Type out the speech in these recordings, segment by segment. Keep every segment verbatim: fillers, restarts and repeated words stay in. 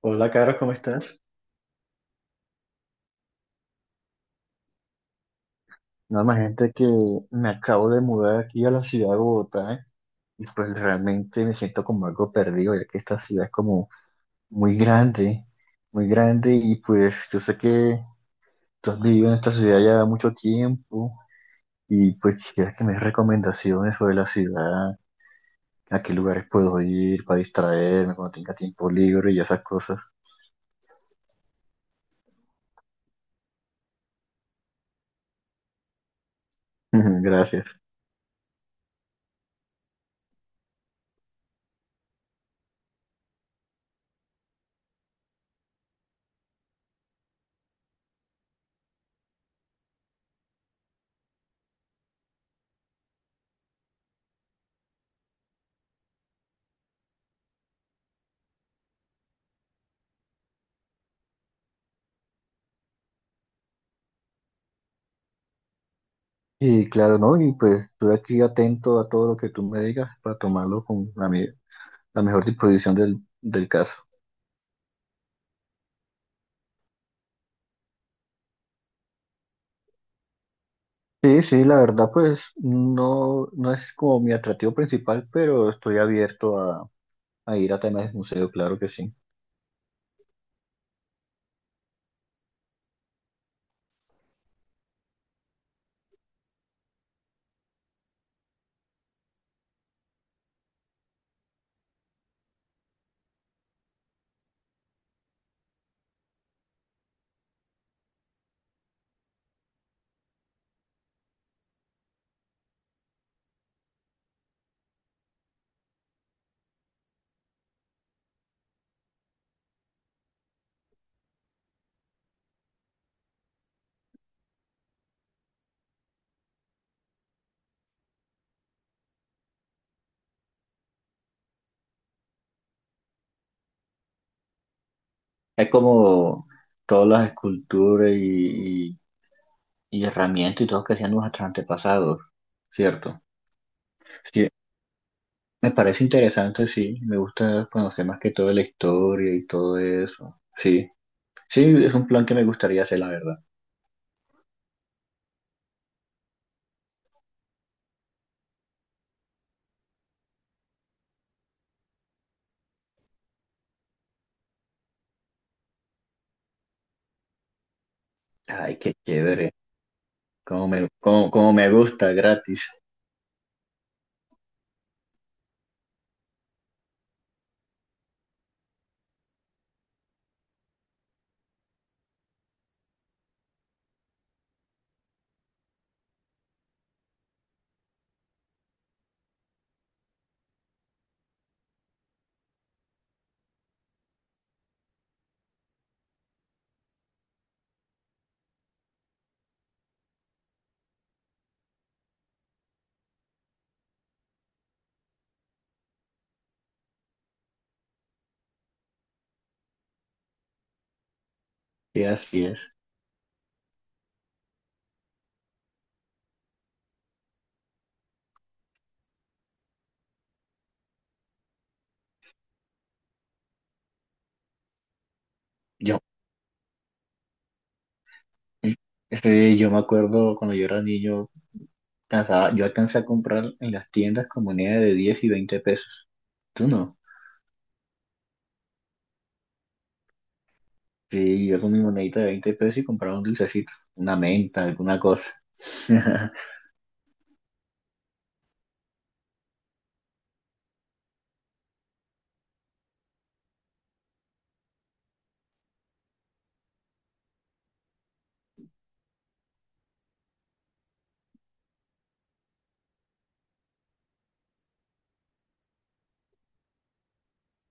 Hola, Caro, ¿cómo estás? No, imagínate que me acabo de mudar aquí a la ciudad de Bogotá, ¿eh? Y pues realmente me siento como algo perdido, ya que esta ciudad es como muy grande, muy grande y pues yo sé que tú has vivido en esta ciudad ya mucho tiempo y pues quisiera que me des recomendaciones sobre la ciudad, a qué lugares puedo ir para distraerme cuando tenga tiempo libre y esas cosas. Gracias. Y claro, ¿no? Y pues estoy aquí atento a todo lo que tú me digas para tomarlo con la medida. la mejor disposición del, del caso. Sí, sí, la verdad, pues no, no es como mi atractivo principal, pero estoy abierto a, a ir a temas de museo, claro que sí. Es como todas las esculturas y, y- y herramientas y todo que hacían nuestros antepasados, ¿cierto? Sí, me parece interesante, sí, me gusta conocer más que todo la historia y todo eso. Sí, sí, es un plan que me gustaría hacer, la verdad. Ay, qué chévere, como me, cómo- cómo me gusta, gratis. Sí, así es. Yo, este yo me acuerdo cuando yo era niño, cansaba, yo alcancé a comprar en las tiendas con moneda de diez y veinte pesos. ¿Tú no? Sí, yo con mi monedita de veinte pesos y compraba un dulcecito, una menta, alguna cosa.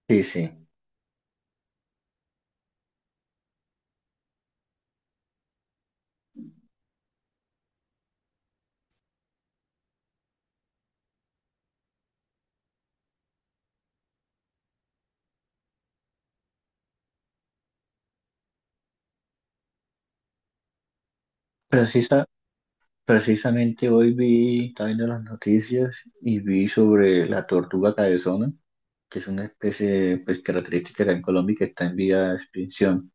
Sí, sí. Precisa, precisamente hoy vi, estaba viendo las noticias y vi sobre la tortuga cabezona, que es una especie pues, característica acá en Colombia y que está en vía de extinción.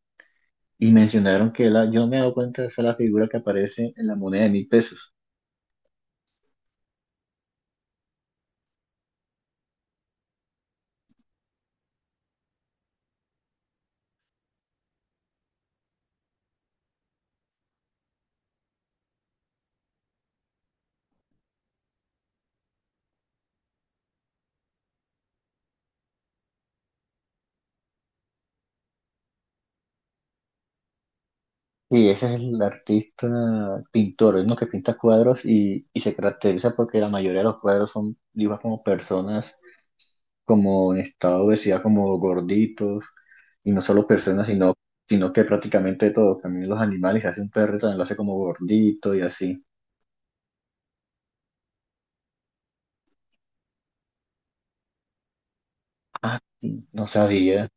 Y mencionaron que la, yo no me he dado cuenta de esa es la figura que aparece en la moneda de mil pesos. Y ese es el artista pintor, es uno que pinta cuadros y, y se caracteriza porque la mayoría de los cuadros son dibujos como personas como en estado de obesidad, como gorditos, y no solo personas, sino, sino que prácticamente todo, también los animales, hace un perro también lo hace como gordito y así. Ah, sí, no sabía,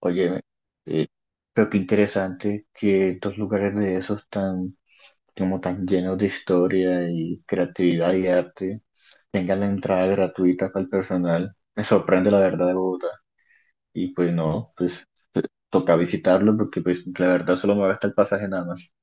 oye, eh, pero qué interesante que estos lugares de esos tan como tan llenos de historia y creatividad y arte, tengan la entrada gratuita para el personal. Me sorprende la verdad de Bogotá. Y pues no, pues eh, toca visitarlo porque pues la verdad solo me va el pasaje nada más.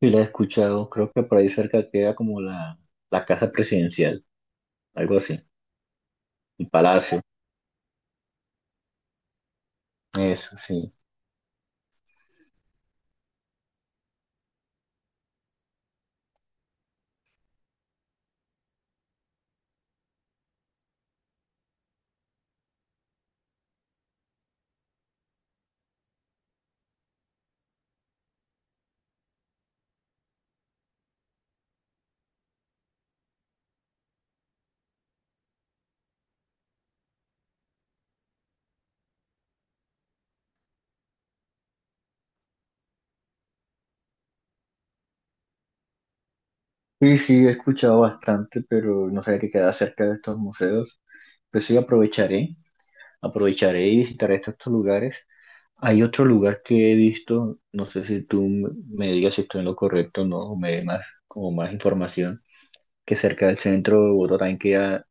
Y la he escuchado, creo que por ahí cerca queda como la, la casa presidencial, algo así, el palacio, eso sí. Y sí, he escuchado bastante, pero no sabía que queda cerca de estos museos. Pues sí, aprovecharé, aprovecharé y visitaré estos, estos lugares. Hay otro lugar que he visto, no sé si tú m- me digas si estoy en lo correcto o no, o me dé más, como más información, que cerca del centro de Bogotá también queda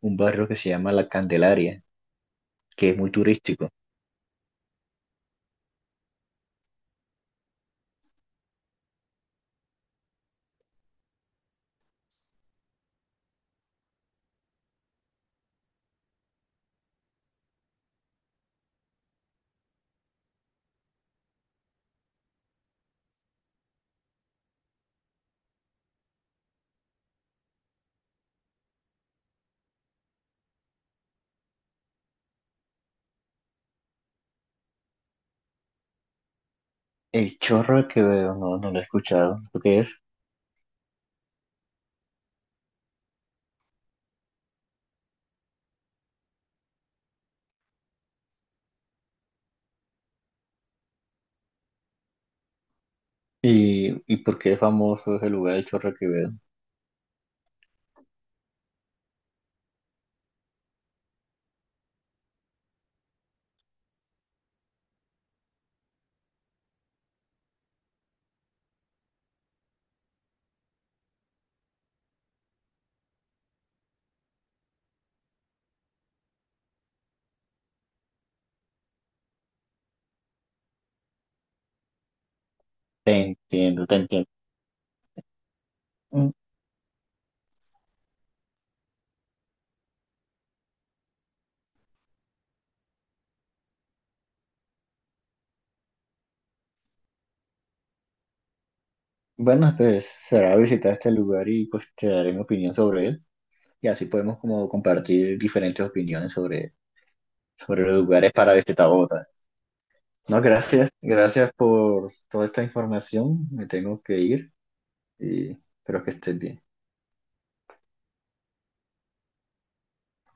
un barrio que se llama La Candelaria, que es muy turístico. El Chorro que veo, no, no lo he escuchado, ¿lo qué es? ¿Y, y por qué es famoso ese lugar, el Chorro que veo? Te entiendo, te entiendo. Mm. Bueno, pues será visitar este lugar y pues te daré mi opinión sobre él, y así podemos como compartir diferentes opiniones sobre, sobre, los lugares para visitar Bogotá. No, gracias, gracias por toda esta información. Me tengo que ir, y espero que estés bien.